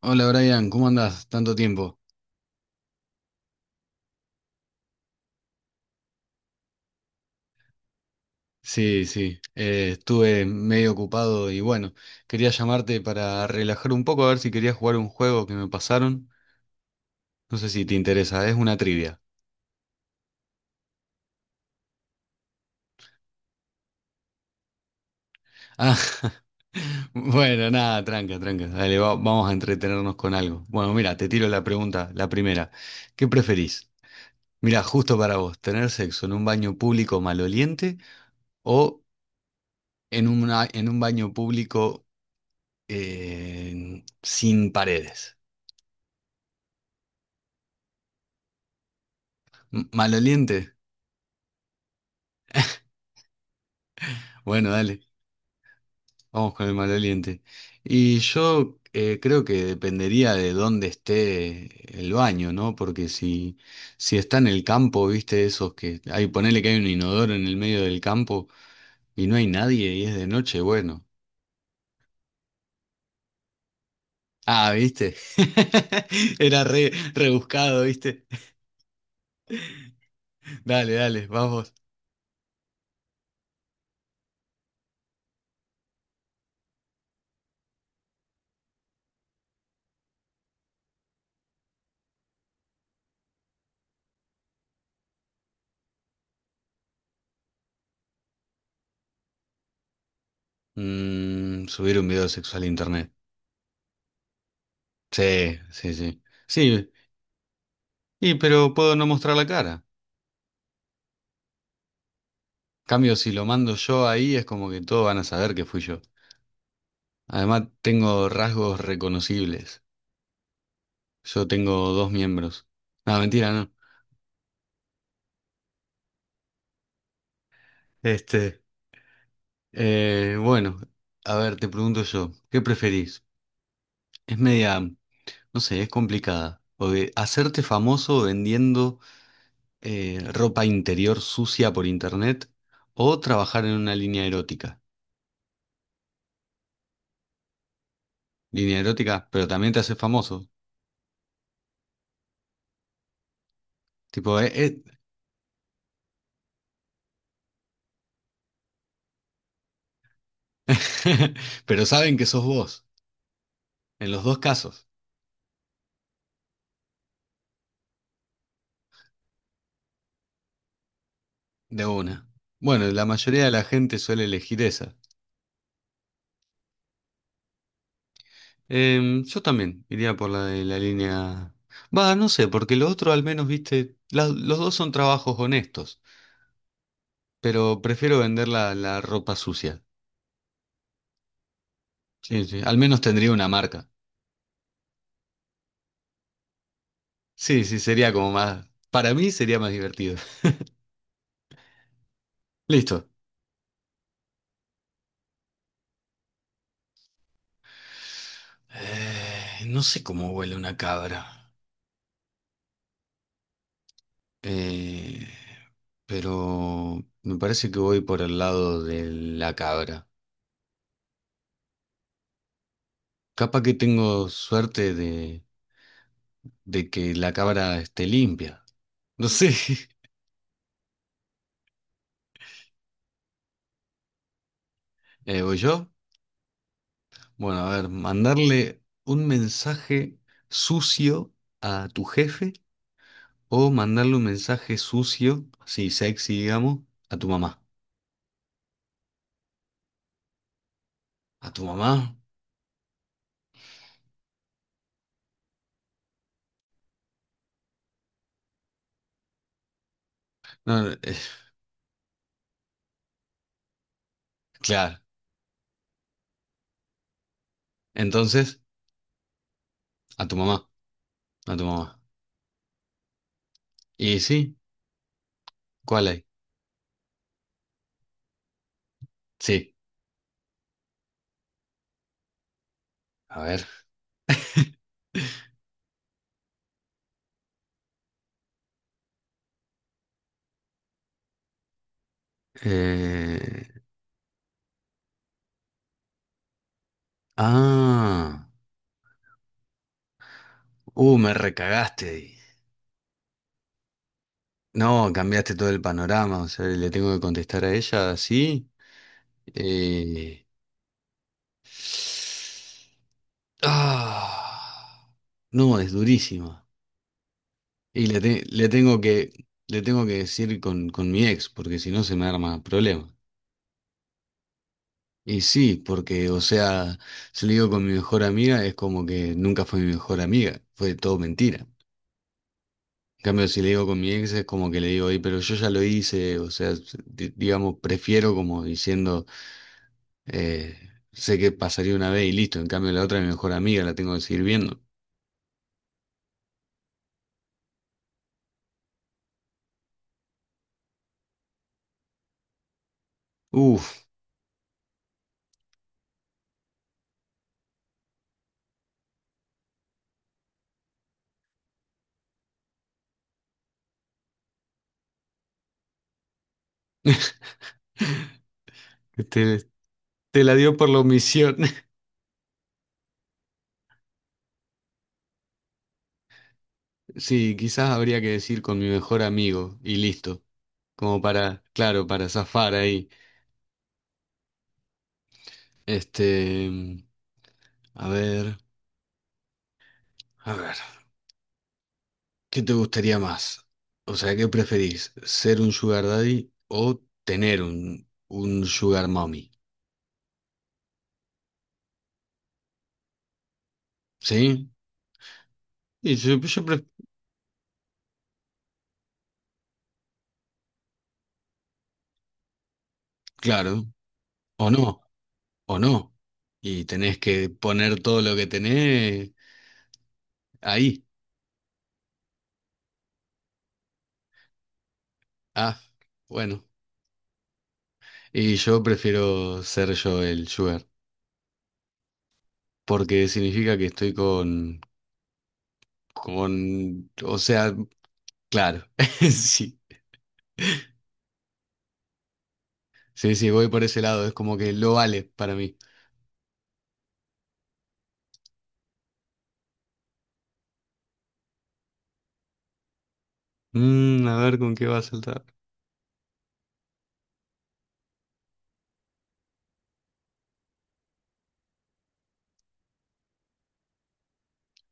Hola Brian, ¿cómo andás? Tanto tiempo. Sí, sí, estuve medio ocupado y bueno, quería llamarte para relajar un poco a ver si querías jugar un juego que me pasaron. No sé si te interesa, es una trivia. Ah, bueno, nada, tranca, tranca. Dale, vamos a entretenernos con algo. Bueno, mira, te tiro la pregunta, la primera. ¿Qué preferís? Mira, justo para vos, ¿tener sexo en un baño público maloliente o en una, en un baño público sin paredes? Maloliente. Bueno, dale, vamos con el maloliente. Y yo creo que dependería de dónde esté el baño, ¿no? Porque si, si está en el campo, viste, esos que hay, ponele que hay un inodoro en el medio del campo y no hay nadie y es de noche, bueno. Ah, viste. Era re, rebuscado, viste. Dale, dale, vamos. Mm, subir un video sexual a internet. Sí, sí, sí. Sí, y, pero puedo no mostrar la cara. Cambio, si lo mando yo ahí es como que todos van a saber que fui yo. Además, tengo rasgos reconocibles. Yo tengo dos miembros. No, mentira, no. Este, bueno, a ver, te pregunto yo, ¿qué preferís? Es media, no sé, es complicada. O de hacerte famoso vendiendo ropa interior sucia por internet o trabajar en una línea erótica. Línea erótica, pero también te haces famoso. Tipo, pero saben que sos vos, en los dos casos. De una. Bueno, la mayoría de la gente suele elegir esa. Em, yo también iría por la de la línea. Va, no sé, porque lo otro al menos, viste, los dos son trabajos honestos, pero prefiero vender la, la ropa sucia. Sí, sí, al menos tendría una marca. Sí, sí, sería como más... Para mí sería más divertido. Listo. No sé cómo huele una cabra. Eh, pero me parece que voy por el lado de la cabra. Capaz que tengo suerte de que la cámara esté limpia. No sé, ¿voy yo? Bueno, a ver, mandarle un mensaje sucio a tu jefe o mandarle un mensaje sucio, así sexy, digamos, a tu mamá. ¿A tu mamá? No, no, claro. Entonces, a tu mamá, a tu mamá. ¿Y sí? ¿Cuál hay? Sí, a ver. Eh, ah, me recagaste ahí. No, cambiaste todo el panorama, o sea, le tengo que contestar a ella así. Eh, Ah, no, es durísima. Y le tengo que decir con mi ex, porque si no se me arma problema. Y sí, porque, o sea, si le digo con mi mejor amiga, es como que nunca fue mi mejor amiga, fue todo mentira. En cambio, si le digo con mi ex, es como que le digo, "Ey, pero yo ya lo hice, o sea, digamos, prefiero como diciendo. Eh, sé que pasaría una vez y listo. En cambio, la otra, es mi mejor amiga, la tengo que seguir viendo. Uf, te, te la dio por la omisión. Sí, quizás habría que decir con mi mejor amigo y listo. Como para, claro, para zafar ahí. Este, a ver, a ver, ¿qué te gustaría más? O sea, ¿qué preferís? ¿Ser un sugar daddy o tener un sugar mommy? ¿Sí? Y yo, yo pref- claro, o no. O no. Y tenés que poner todo lo que tenés ahí. Ah, bueno. Y yo prefiero ser yo el sugar, porque significa que estoy con, o sea, claro, sí. Sí, sí, voy por ese lado, es como que lo vale para mí. Mm, a ver con qué va a saltar.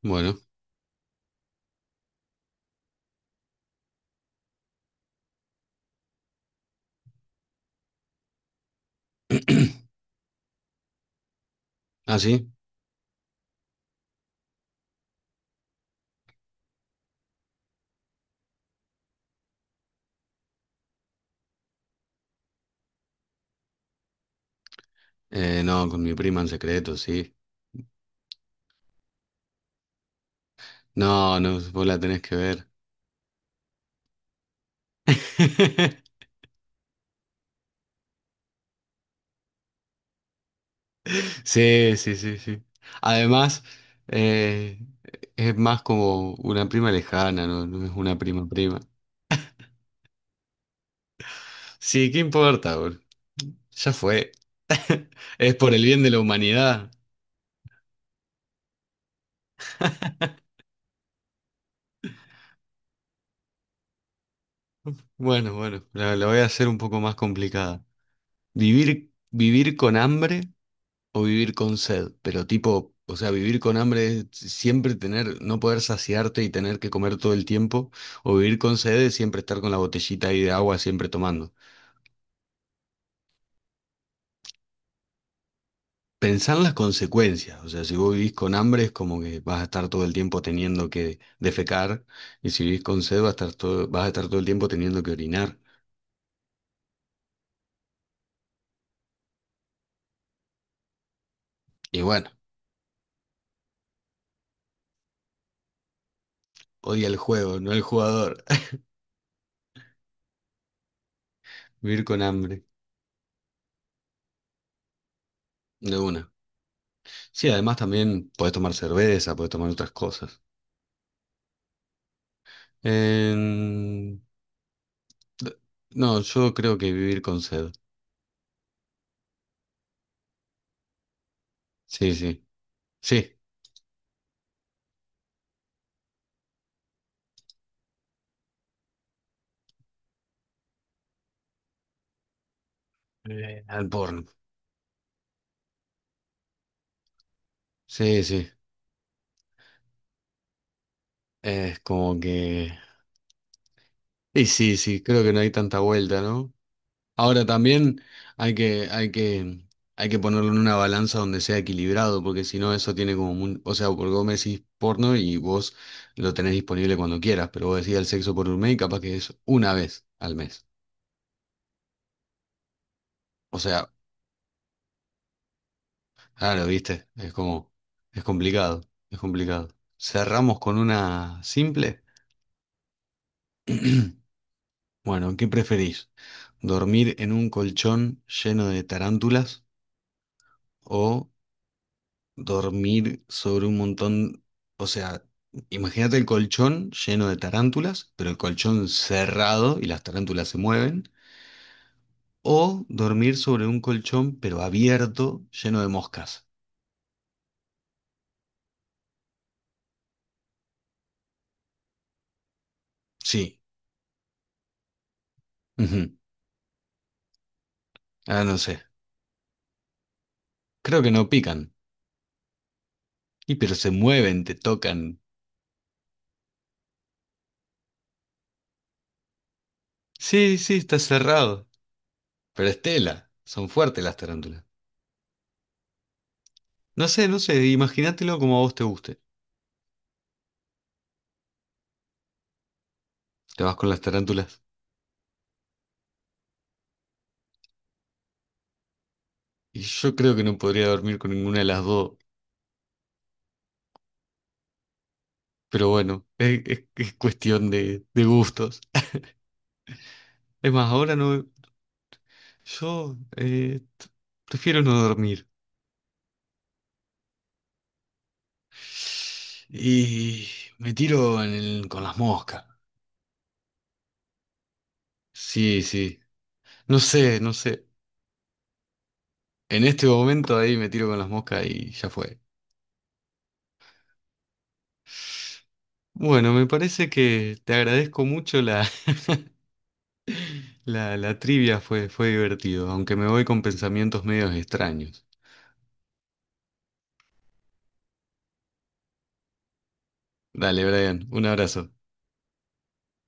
Bueno, ¿ah, sí? No, con mi prima en secreto, sí. No, no, vos la tenés que ver. Sí, sí, sí, sí. Además, eh, es más como una prima lejana, no, no es una prima prima. Sí, ¿qué importa, bro? Ya fue. Es por el bien de la humanidad. Bueno, bueno, la voy a hacer un poco más complicada. ¿Vivir, vivir con hambre o vivir con sed? Pero tipo, o sea, vivir con hambre es siempre tener, no poder saciarte y tener que comer todo el tiempo. O vivir con sed es siempre estar con la botellita ahí de agua siempre tomando. Pensar las consecuencias, o sea, si vos vivís con hambre es como que vas a estar todo el tiempo teniendo que defecar y si vivís con sed vas a estar todo, vas a estar todo el tiempo teniendo que orinar. Y bueno, odia el juego, no el jugador. Vivir con hambre, de una. Sí, además también podés tomar cerveza, podés tomar otras cosas. Em, d- No, yo creo que vivir con sed. Sí, sí. Sí, al porno. Sí, sí. Es como que... Y sí, sí, creo que no hay tanta vuelta, ¿no? Ahora también hay que, hay que, hay que ponerlo en una balanza donde sea equilibrado, porque si no eso tiene como un, o sea, porque vos me decís porno y vos lo tenés disponible cuando quieras, pero vos decís el sexo por un mes y capaz que es una vez al mes. O sea, claro, viste, es como, es complicado, es complicado. Cerramos con una simple. Bueno, ¿qué preferís? ¿Dormir en un colchón lleno de tarántulas o dormir sobre un montón, o sea, imagínate el colchón lleno de tarántulas, pero el colchón cerrado y las tarántulas se mueven, o dormir sobre un colchón pero abierto, lleno de moscas? Sí, ujú. Ah, no sé, creo que no pican, y pero se mueven, te tocan. Sí, sí, está cerrado, pero es tela, son fuertes las tarántulas. No sé, no sé, imagínatelo como a vos te guste. Te vas con las tarántulas. Y yo creo que no podría dormir con ninguna de las dos. Pero bueno, es, es cuestión de gustos. Es más, ahora no. Yo prefiero no dormir. Y me tiro con las moscas. Sí, sí. No sé, no sé. En este momento ahí me tiro con las moscas y ya fue. Bueno, me parece que te agradezco mucho la, la trivia, fue, fue divertido, aunque me voy con pensamientos medios extraños. Dale, Brian, un abrazo.